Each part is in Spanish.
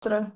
Ostras.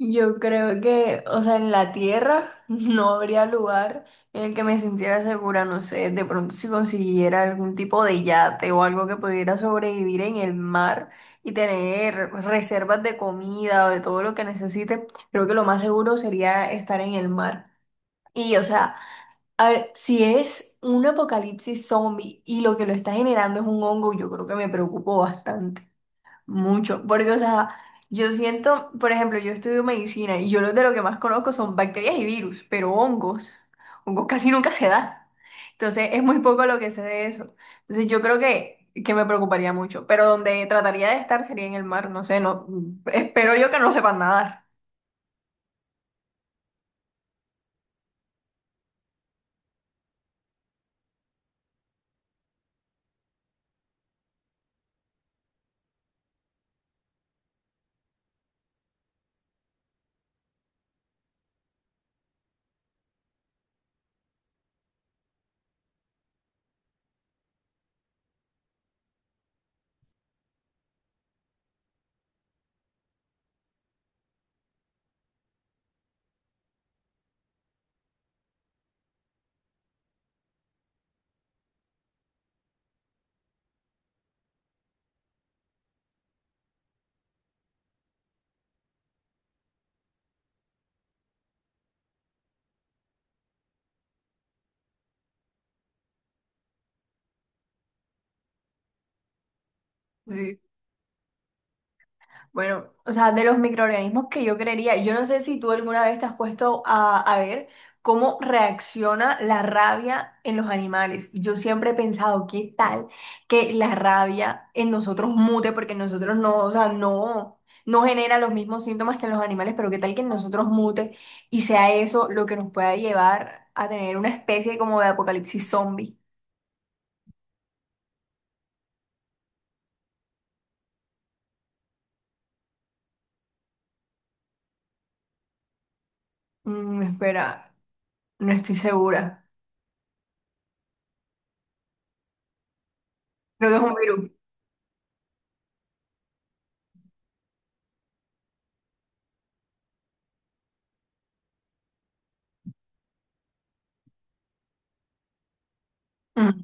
Yo creo que, o sea, en la tierra no habría lugar en el que me sintiera segura. No sé, de pronto si consiguiera algún tipo de yate o algo que pudiera sobrevivir en el mar y tener reservas de comida o de todo lo que necesite, creo que lo más seguro sería estar en el mar. Y, o sea, a ver, si es un apocalipsis zombie y lo que lo está generando es un hongo, yo creo que me preocupo bastante. Mucho, porque, o sea, yo siento, por ejemplo, yo estudio medicina y yo lo que más conozco son bacterias y virus, pero hongos, hongos casi nunca se da. Entonces, es muy poco lo que sé de eso. Entonces, yo creo que me preocuparía mucho, pero donde trataría de estar sería en el mar. No sé, no, espero yo que no sepan nadar. Sí. Bueno, o sea, de los microorganismos que yo creería, yo no sé si tú alguna vez te has puesto a ver cómo reacciona la rabia en los animales. Yo siempre he pensado, ¿qué tal que la rabia en nosotros mute? Porque nosotros no, o sea, no, no genera los mismos síntomas que en los animales, pero ¿qué tal que en nosotros mute y sea eso lo que nos pueda llevar a tener una especie como de apocalipsis zombie? Espera, no estoy segura. Creo que es un virus. Mm.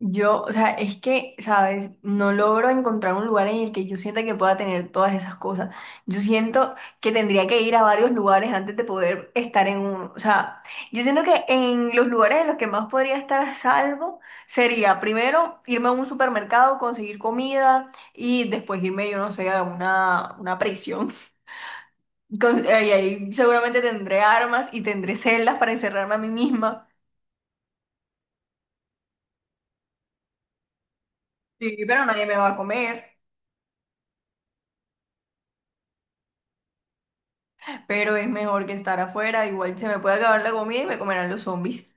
Yo, o sea, es que, ¿sabes? No logro encontrar un lugar en el que yo sienta que pueda tener todas esas cosas. Yo siento que tendría que ir a varios lugares antes de poder estar en uno. O sea, yo siento que en los lugares en los que más podría estar a salvo sería primero irme a un supermercado, conseguir comida y después irme, yo no sé, a una prisión. Ahí, ahí seguramente tendré armas y tendré celdas para encerrarme a mí misma. Sí, pero nadie me va a comer. Pero es mejor que estar afuera. Igual se me puede acabar la comida y me comerán los zombies.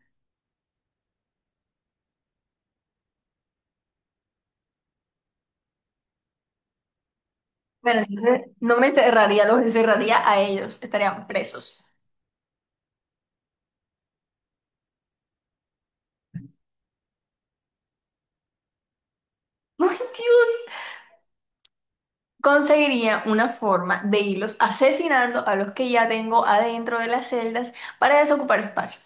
Bueno, entonces, no me encerraría, los encerraría a ellos. Estarían presos. ¡Ay, Dios! Conseguiría una forma de irlos asesinando a los que ya tengo adentro de las celdas para desocupar espacio.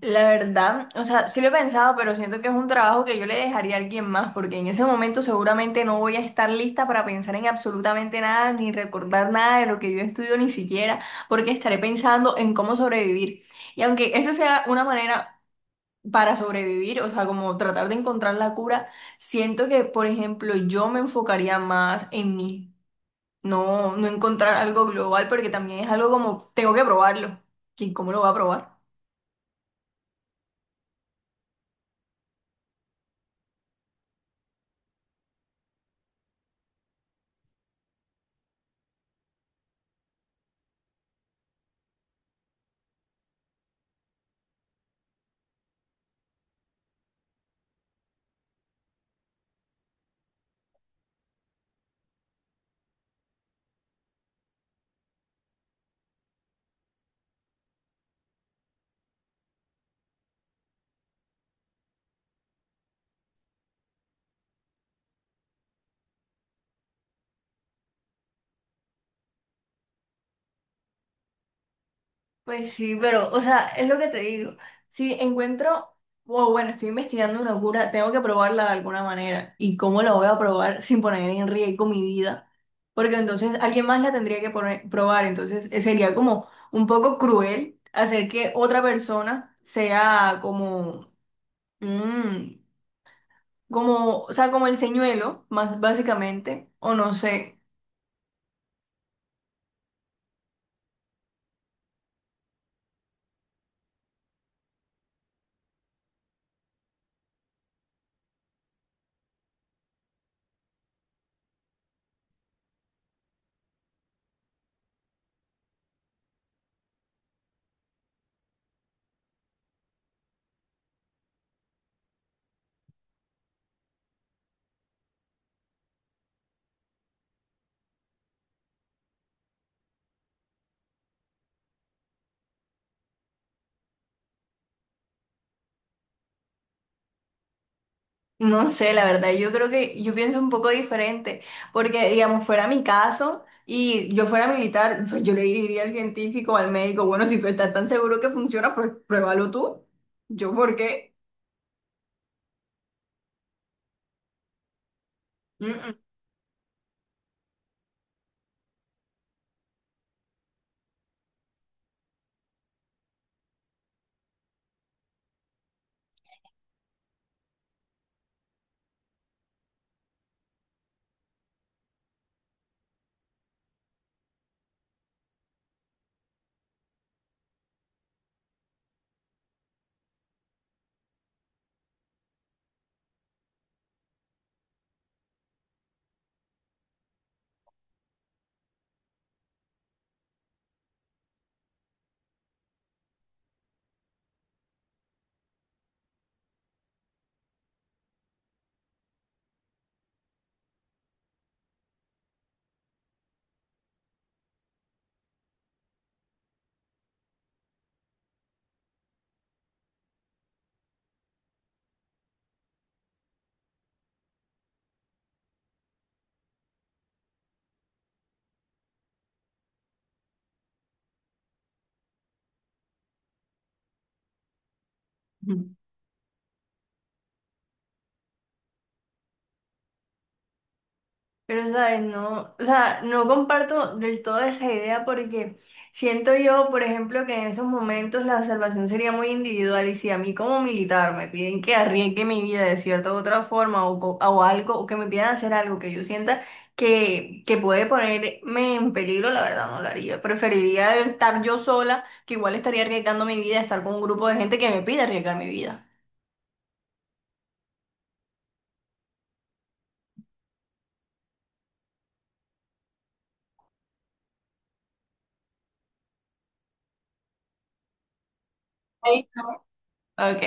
La verdad, o sea, sí lo he pensado, pero siento que es un trabajo que yo le dejaría a alguien más, porque en ese momento seguramente no voy a estar lista para pensar en absolutamente nada, ni recordar nada de lo que yo estudio ni siquiera, porque estaré pensando en cómo sobrevivir. Y aunque esa sea una manera para sobrevivir, o sea, como tratar de encontrar la cura, siento que, por ejemplo, yo me enfocaría más en mí, no, no encontrar algo global, porque también es algo como, tengo que probarlo. ¿Quién cómo lo va a probar? Pues sí, pero, o sea, es lo que te digo. Si encuentro, o bueno, estoy investigando una cura, tengo que probarla de alguna manera. ¿Y cómo la voy a probar sin poner en riesgo mi vida? Porque entonces alguien más la tendría que probar. Entonces sería como un poco cruel hacer que otra persona sea como, mm, como, o sea, como el señuelo, más básicamente, o no sé. No sé, la verdad, yo creo que yo pienso un poco diferente, porque digamos, fuera mi caso y yo fuera militar, pues yo le diría al científico, al médico, bueno, si tú estás tan seguro que funciona, pues pruébalo tú. Yo, ¿por qué? Mm, mm. Pero, ¿sabes? No, o sea, no comparto del todo esa idea porque siento yo, por ejemplo, que en esos momentos la salvación sería muy individual, y si a mí como militar me piden que arriesgue mi vida de cierta u otra forma o, o algo, o que me pidan hacer algo que yo sienta que puede ponerme en peligro, la verdad no lo haría. Preferiría estar yo sola, que igual estaría arriesgando mi vida, estar con un grupo de gente que me pide arriesgar mi vida. Ay, ok.